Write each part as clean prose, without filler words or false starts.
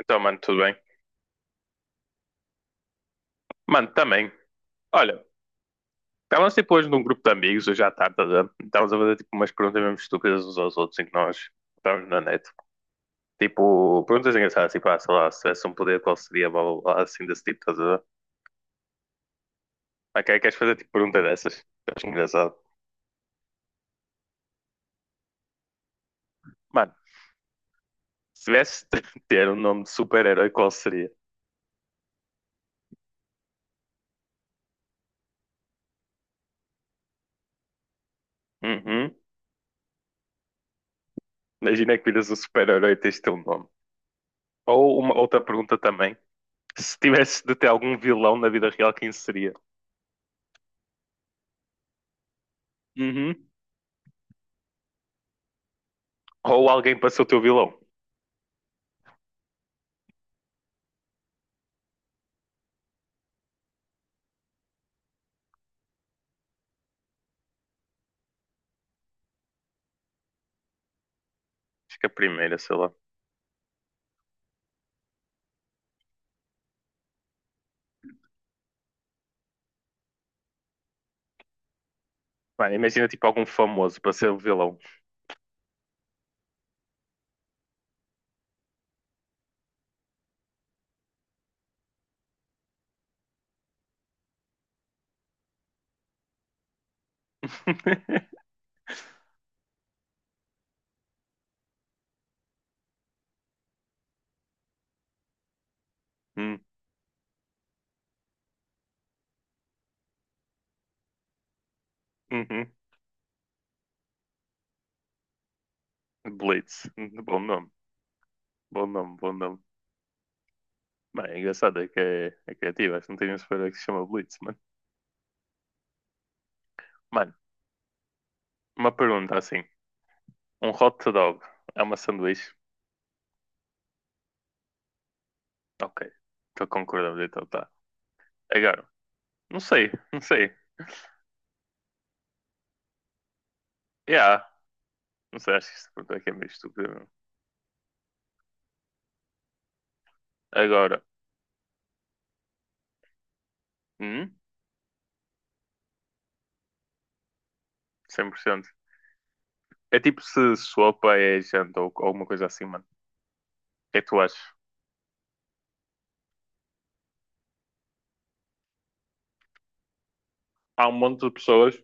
Então, mano, tudo bem? Mano, também. Olha, estávamos tipo hoje num grupo de amigos, hoje à tarde, tá vendo? Estávamos a fazer tipo umas perguntas mesmo estúpidas uns aos outros, em que nós estávamos na net. Tipo, perguntas engraçadas, tipo, ah, sei lá, se tivesse um poder, qual seria, blá, blá, blá, assim desse tipo, estás a ver? Ok, queres fazer tipo pergunta dessas? Eu acho engraçado. Mano, se tivesse de ter um nome de super-herói, qual seria? Uhum. Imagina que viras um super-herói e tens de ter um nome. Ou uma outra pergunta também. Se tivesse de ter algum vilão na vida real, quem seria? Uhum. Ou alguém para ser o teu vilão. Acho que a primeira, sei lá. Mano, imagina tipo algum famoso para ser o vilão. Hum, uhum. Blitz. Bom nome. Bom nome, bom nome. Mano, é engraçado, é que é, é criativo. Acho que não tem nenhum super que se chama Blitz, mano. Mano, uma pergunta assim. Um hot dog é uma sanduíche? Ok. Estou concordando, então tá. Agora, não sei, não sei. Yeah, não sei, acho que esta pergunta aqui é meio estúpida, meu. Agora, hum, 100%. É tipo se sopa é janta ou alguma coisa assim, mano. Que é que tu achas? Há um monte de pessoas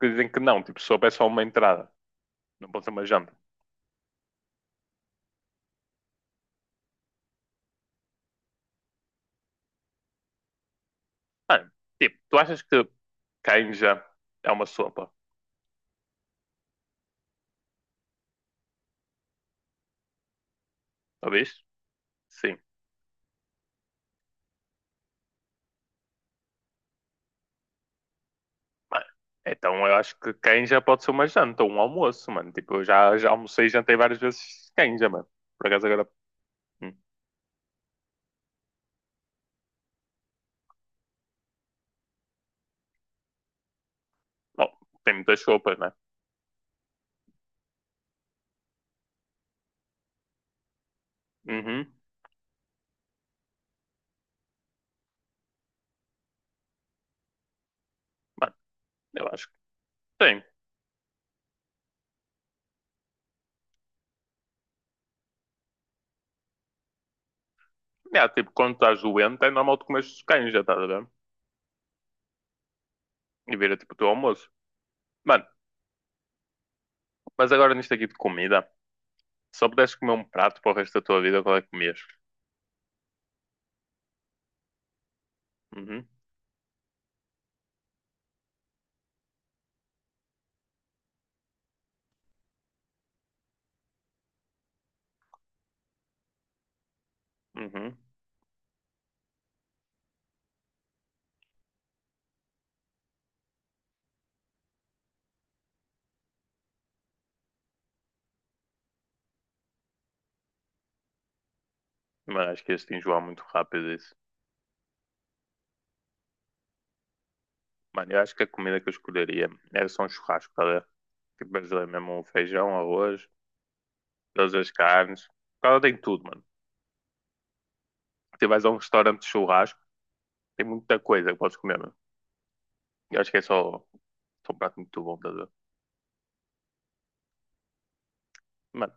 que dizem que não, tipo, sopa é só uma entrada, não pode ser uma janta. Mano, tipo, tu achas que canja é uma sopa, talvez? Sim. Mano, então eu acho que canja pode ser uma janta ou um almoço, mano. Tipo, eu já almocei e jantei várias vezes canja, mano. Por acaso agora. Hum, bom, tem muitas sopas, né? Uhum. Mano, eu acho que tem. É, tipo, quando estás doente, é normal tu comeres canja, estás a ver? E vira tipo o teu almoço. Mano, mas agora nisto aqui de comida. Se só pudesses comer um prato para o resto da tua vida, qual é que comias? Uhum, uhum. Mas acho que este enjoar muito rápido isso. Mano, eu acho que a comida que eu escolheria era só um churrasco, tá a ver? Tipo, brasileiro mesmo, um feijão, arroz, todas as carnes. Ela tem tudo, mano. Tu vais a um restaurante de churrasco, tem muita coisa que podes comer, mano. Eu acho que é só, só um prato muito bom, tá a ver? Mano,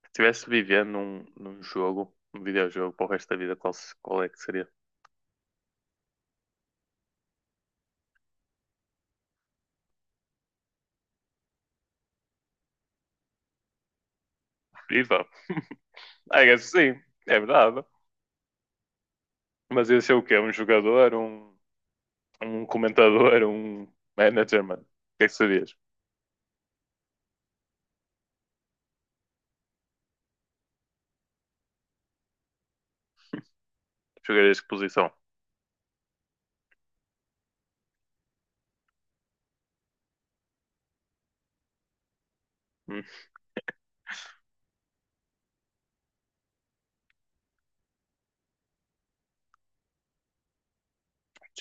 se estivesse vivendo num jogo, num videojogo para o resto da vida, qual, qual é que seria? FIFA? I guess sim, é verdade. Mas ia ser o quê? Um jogador, um. Um comentador, um manager, mano. O que é que serias? Jogarias que posição? Hum?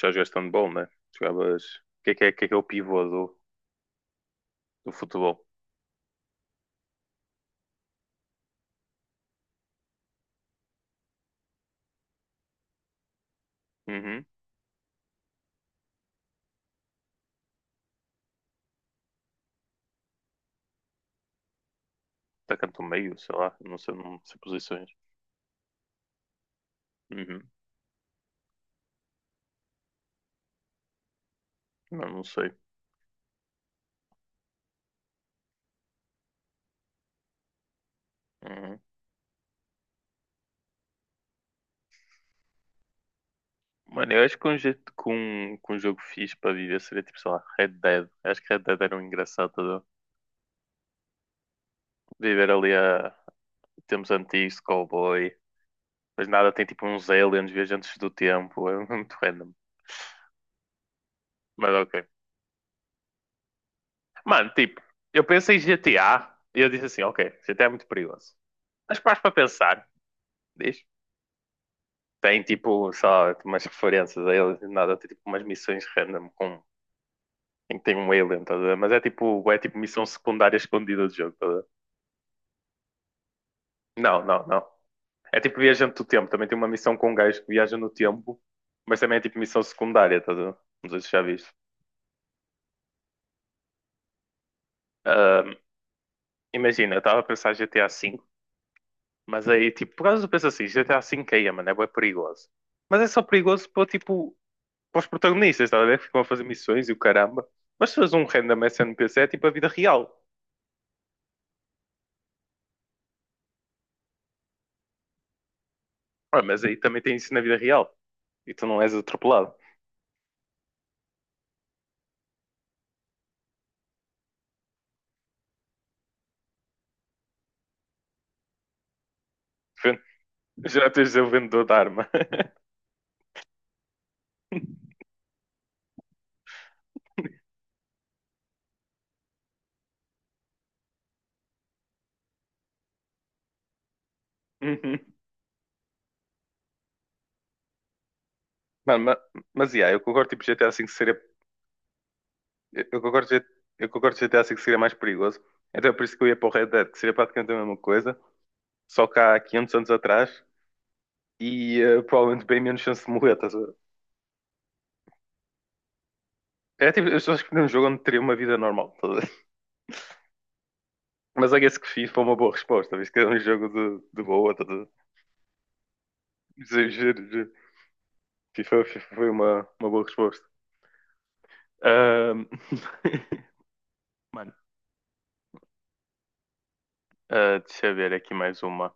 Já jogaste handball, né? Jogavas. O que é que é, que é, que é o pivô do, do futebol? Uhum. Atacante do meio, sei lá. Não sei, não sei posições. Uhum. Não, não sei. Uhum. Mano, eu acho que um, jeito, que um jogo fixe para viver seria tipo, sei lá, Red Dead. Eu acho que Red Dead era um engraçado, tá a ver? Viver ali a tempos antigos, cowboy. Mas nada, tem tipo uns aliens viajantes do tempo. É muito random. Mas ok. Mano, tipo, eu pensei em GTA e eu disse assim, ok, GTA é muito perigoso. Mas pares para pensar, diz, tem tipo só umas referências a eles e nada, tem tipo umas missões random com, em que tem um alien, estás a ver? Mas é tipo missão secundária escondida do jogo, estás a ver? Não, não, não. É tipo viajante do tempo, também tem uma missão com um gajo que viaja no tempo, mas também é tipo missão secundária, estás a ver? Não sei se já viste. Ah, imagina, eu estava a pensar em GTA V. Mas aí, tipo, por causa eu penso assim, GTA V caía, mano, é bué perigoso. Mas é só perigoso para, tipo, para os protagonistas, estás a ver? Que ficam a fazer missões e o caramba. Mas se fores um random SNPC é tipo a vida real. Ah, mas aí também tem isso na vida real. E tu não és atropelado. Ven- Já tens o vendedor de arma. Uhum. Mano, mas, yeah, eu concordo, tipo, GTA V seria... Eu concordo, eu concordo que GTA V seria mais perigoso. Então é por isso que eu ia para o Red Dead, que seria praticamente a mesma coisa. Só que há 500 anos atrás. E provavelmente bem menos chance de morrer, estás a ver? É tipo, eu acho que num jogo onde teria uma vida normal, tá a ver? Mas I guess que FIFA é uma boa resposta, visto que é um jogo de boa. Tá a ver? Giro, giro, FIFA, FIFA foi uma boa resposta. Ahm, Mano, ah, deixa eu ver aqui mais uma.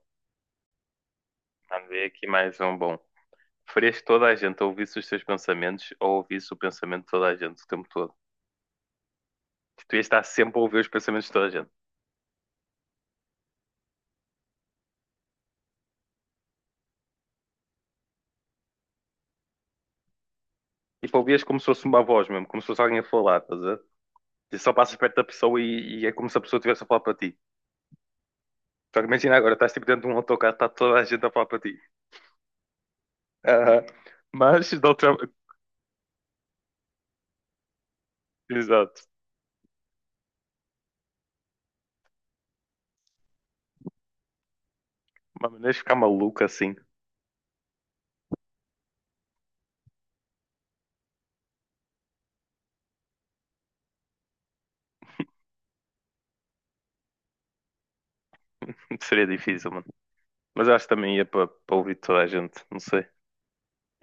Vamos ver aqui mais um bom. Preferias que toda a gente ouvisse os teus pensamentos ou ouvisse o pensamento de toda a gente o tempo todo? Que tu ias estar sempre a ouvir os pensamentos de toda a gente. Tipo, ouvias como se fosse uma voz mesmo, como se fosse alguém a falar, estás a ver? E só passas perto da pessoa e é como se a pessoa estivesse a falar para ti. Só que imagina agora, estás tipo dentro de um autocarro, está toda a gente a falar para ti. Ah, mas de outra. Exato. Mas maneiras de ficar maluco assim seria difícil, mano. Mas eu acho que também ia para ouvir toda a gente, não sei.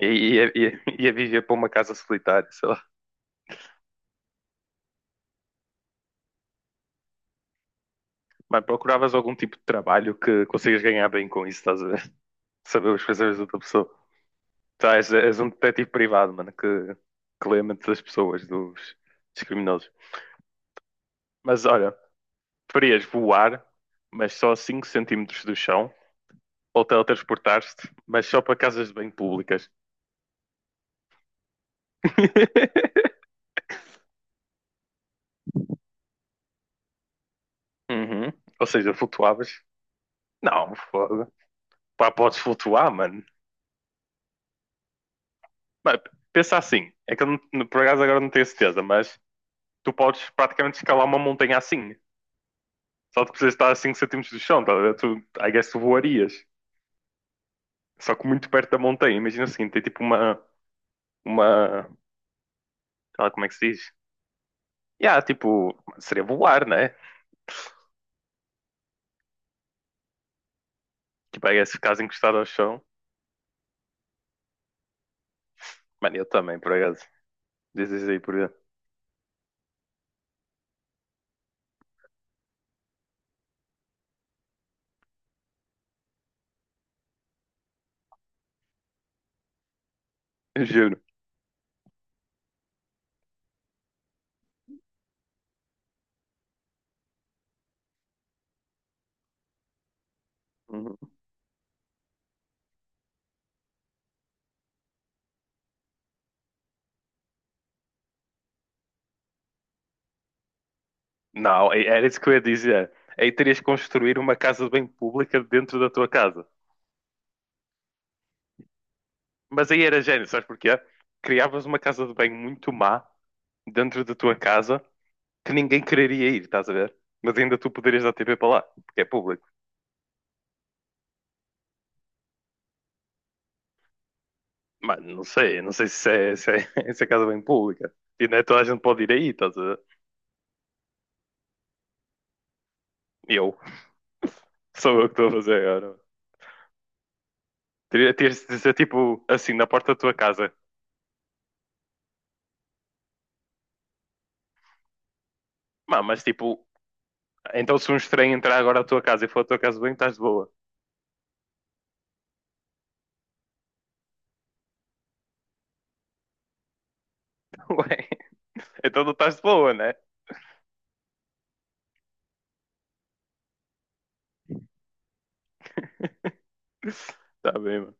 E- e- Ia, ia, ia viver para uma casa solitária, sei lá. Mas procuravas algum tipo de trabalho que consigas ganhar bem com isso, estás a ver? Saber os pensamentos de outra pessoa. Tá, és, és um detetive privado, mano, que lê a mente das pessoas, dos, dos criminosos. Mas olha, preferias voar, mas só a 5 centímetros do chão ou teletransportaste, mas só para casas de banho públicas. Uhum. Ou seja, flutuavas? Não, foda. Pá, podes flutuar, mano. Mas pensa assim, é que eu por acaso agora não tenho certeza, mas tu podes praticamente escalar uma montanha assim. Só que precisas estar a 5 centímetros do chão, tá a ver? Tu, I guess tu voarias. Só que muito perto da montanha. Imagina assim, tem tipo uma, sei lá como é que se diz? Yeah, tipo, seria voar, né? Tipo, I guess ficares encostado ao chão. Mano, eu também, por acaso. Dizes aí, por exemplo. Juro. Uhum. Não, era isso que eu ia dizer. Aí terias que construir uma casa de banho pública dentro da tua casa. Mas aí era gênio, sabes porquê? Criavas uma casa de banho muito má dentro da tua casa que ninguém quereria ir, estás a ver? Mas ainda tu poderias dar TV para lá, porque é público. Mas não sei, não sei se é, se é casa de banho pública. E não é toda a gente pode ir aí, estás a ver? Eu, sou eu que estou a fazer agora. Terias de dizer, tipo, assim, na porta da tua casa. Mas tipo, então se um estranho entrar agora à tua casa e for à tua casa de banho, estás de boa. Ué, então não estás de boa, né? Tá bem, mano.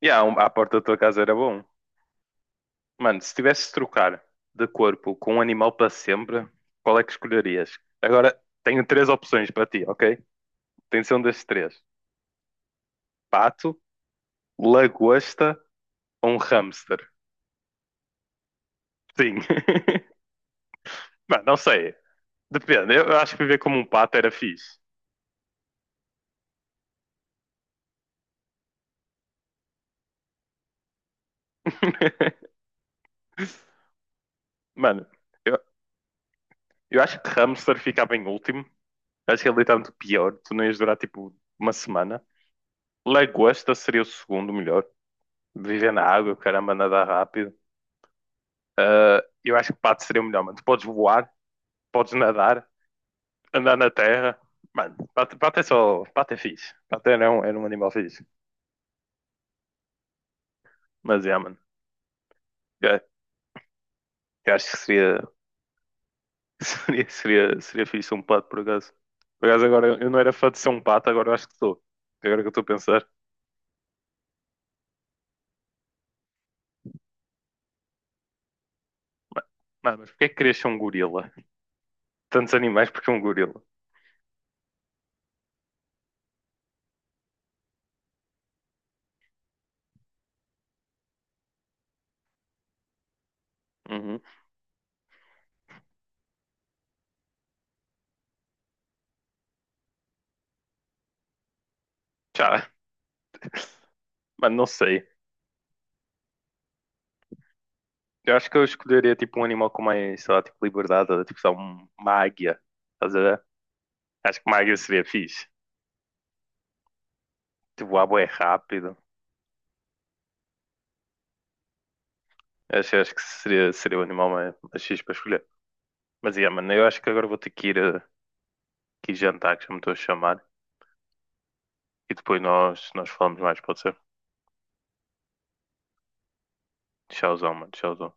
E a porta da tua casa era bom. Mano, se tivesse de trocar de corpo com um animal para sempre, qual é que escolherias? Agora, tenho três opções para ti, ok? Tem de ser um destes três. Pato, lagosta ou um hamster. Sim. Mano, não sei. Depende. Eu acho que viver como um pato era fixe. Mano, eu, eu acho que hamster ficava em último. Eu acho que ele é literalmente o pior. Tu não ias durar, tipo, uma semana. Lagosta seria o segundo melhor. Viver na água, caramba, nadar rápido. Ah, eu acho que pato seria o melhor, mano. Tu podes voar, podes nadar, andar na terra. Mano, pato, pato é só. Pato é fixe. Pato era um animal fixe. Mas é, mano. Eu, eu acho que seria, seria fixe um pato, por acaso. Por acaso, agora eu não era fã de ser um pato, agora eu acho que sou. Agora que eu estou a pensar. Mano, mas porquê é que querias ser um gorila? Tantos animais, porque um gorila? Uhum. Já, mano, não sei. Eu acho que eu escolheria tipo um animal com mais, sei lá, tipo liberdade, tipo só uma águia. Estás a ver? Acho que uma águia seria fixe. Tipo, voar bué rápido. Acho, acho que seria, seria o animal mais, mais fixe para escolher. Mas, yeah, mano, eu acho que agora vou ter que ir, que ir jantar, que já me estou a chamar. E depois nós falamos mais, pode ser? Tchauzão, mano, tchauzão.